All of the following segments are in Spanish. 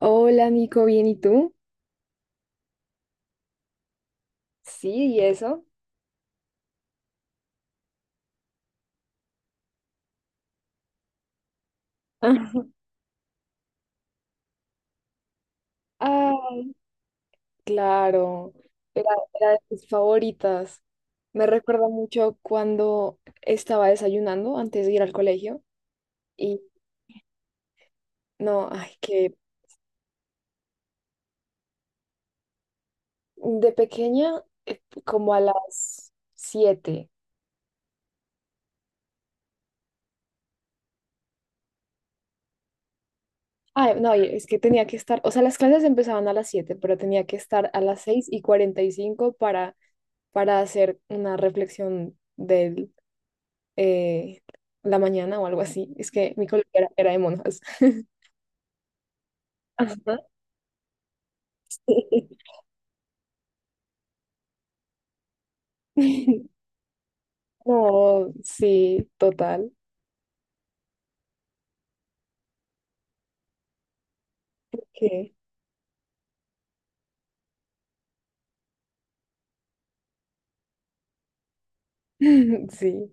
Hola, Nico, ¿bien y tú? Sí, ¿y eso? Ay, claro, era, era de mis favoritas. Me recuerda mucho cuando estaba desayunando antes de ir al colegio y no, ay, que de pequeña, como a las 7. Ay, no, y es que tenía que estar, o sea, las clases empezaban a las 7, pero tenía que estar a las 6 y 45 para hacer una reflexión del. eh, la mañana o algo así. Es que mi colegio era de monjas. Ajá. Sí. No, sí, total. Que sí.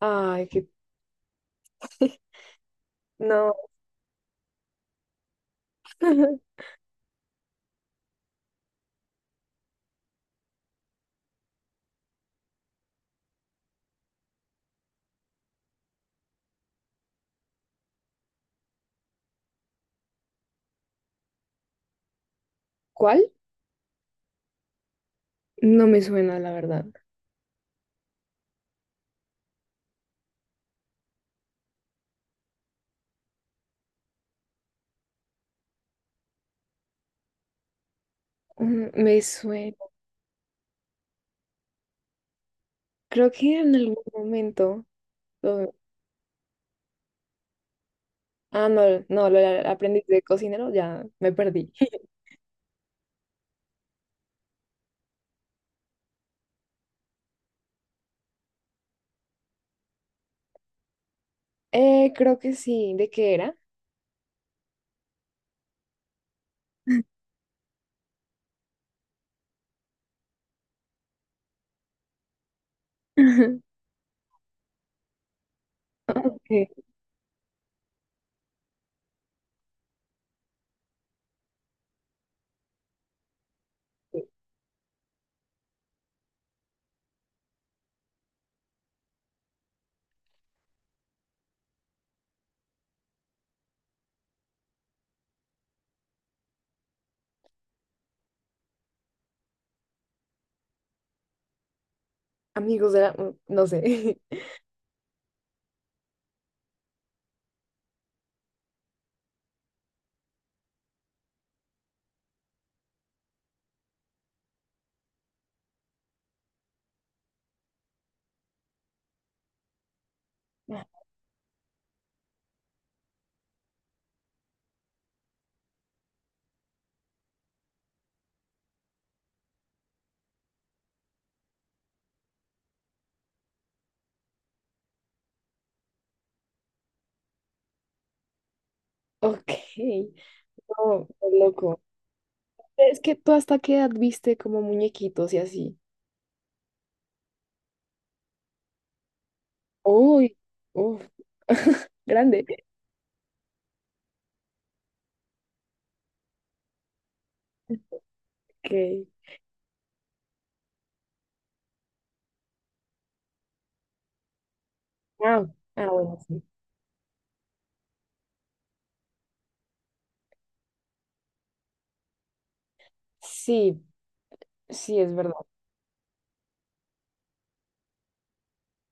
Ay, qué... No. ¿Cuál? No me suena, la verdad. Mm, me suena. Creo que en algún momento. lo- Ah, no, no, lo del aprendiz de cocinero, ya me perdí. Creo que sí. ¿De qué era? Ok. Amigos de la... mm, no sé. Ok. No, qué loco. Es que tú hasta qué edad viste como muñequitos y así. Uy, uf, grande. Ok. Ah, ah, bueno, sí. Sí, sí, es verdad.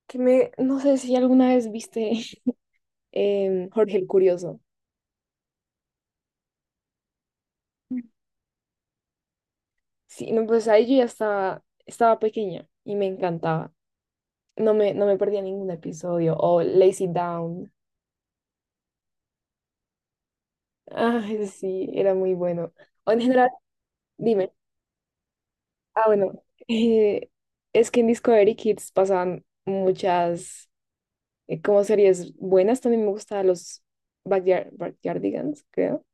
Que me, no sé si alguna vez viste Jorge el Curioso. Sí, no, pues ahí yo ya estaba pequeña y me encantaba. No me perdía ningún episodio. O Lazy Down. Ah, sí, era muy bueno. O en general, dime. Ah, bueno, eh, es que en Discovery Kids pasaban muchas como series buenas. También me gustaban los Backyardigans, creo.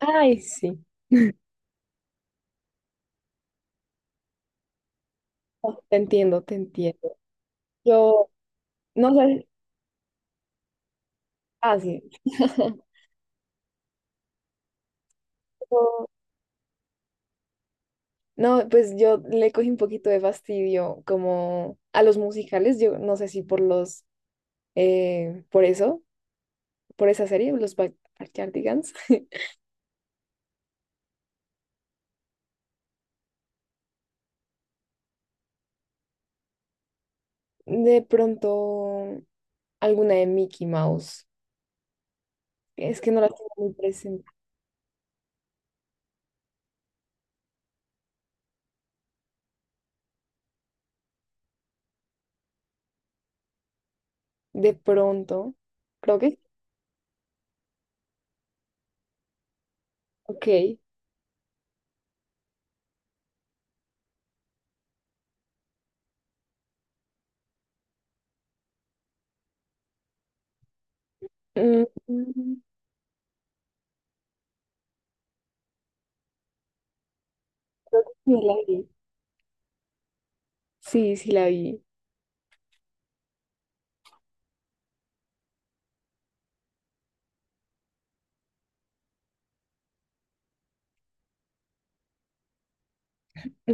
Ay, sí. Oh, te entiendo, te entiendo. Yo, no sé, ah, sí. Yo- No, pues yo le cogí un poquito de fastidio como a los musicales. Yo no sé si por por eso, por esa serie, los Backyardigans. De pronto, alguna de Mickey Mouse. Es que no las tengo muy presente. De pronto, creo que sí. Ok. Mm, mm, sí la vi. Sí, sí la vi.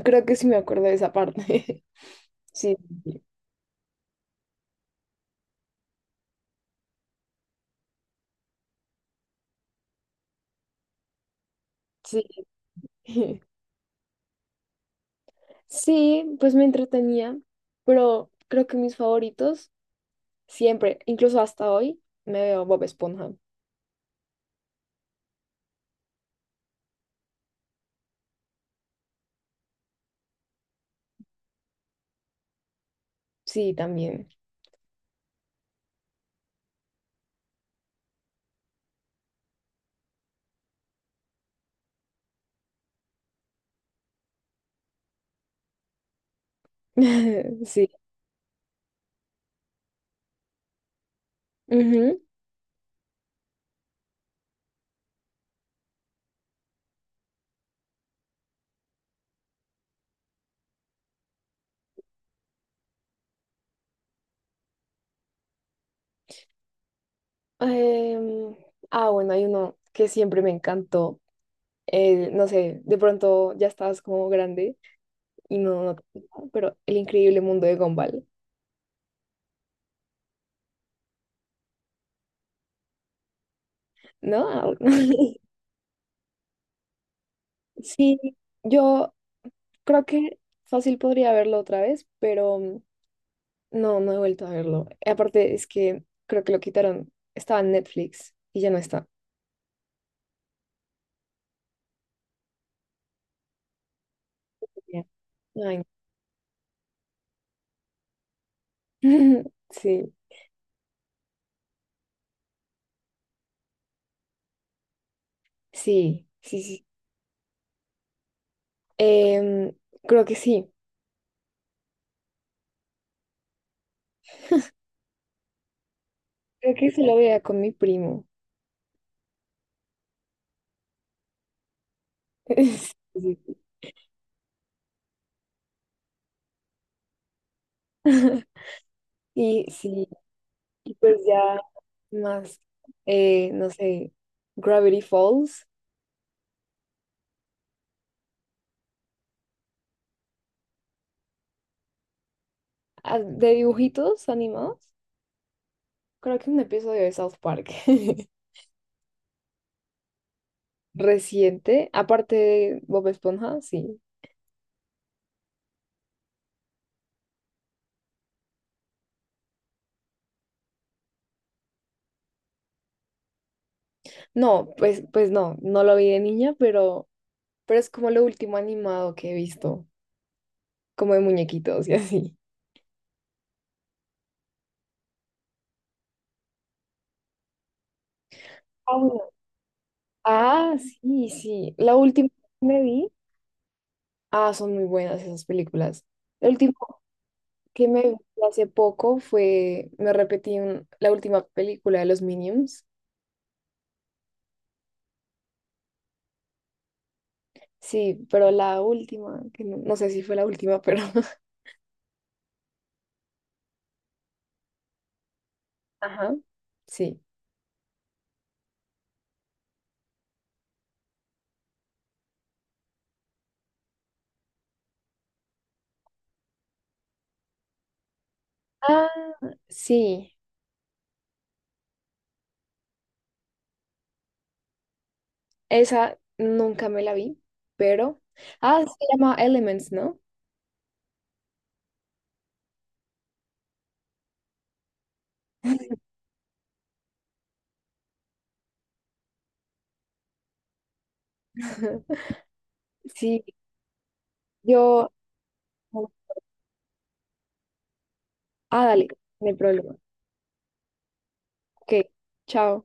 Creo que sí me acuerdo de esa parte. Sí, sí. Sí, sí, pues me entretenía, pero creo que mis favoritos siempre, incluso hasta hoy, me veo Bob Esponja. Sí, también. Sí. Ujú. Em, ah, bueno, hay uno que siempre me encantó. El, no sé, de pronto ya estabas como grande. No, no, tengo, pero El increíble mundo de Gumball, ¿no? Ah, sí, yo creo que fácil podría verlo otra vez, pero mm, no, no he vuelto a verlo. Y aparte es que creo que lo quitaron, estaba en Netflix y ya no está. Ya. Ay, no. Sí, sí, sí, sí. Em, creo que sí, creo que se lo veía con mi primo. Sí, sí, sí. Y sí, y pues ya más, no sé, Gravity Falls. Ah, de dibujitos animados. Creo que un episodio de South Park reciente, aparte de Bob Esponja, sí. No, pues, pues no, no lo vi de niña, pero es como lo último animado que he visto, como de muñequitos y así. Ah, bueno. Ah, sí, sí. La última que me vi. Ah, son muy buenas esas películas. El último que me vi hace poco fue, me repetí la última película de los Minions. Sí, pero la última, que no, no sé si fue la última, pero ajá, sí. Ah, sí, esa nunca me la vi, pero... Ah, se llama Elements, ¿no? Sí, yo... Ah, dale, no hay problema. Ok, chao.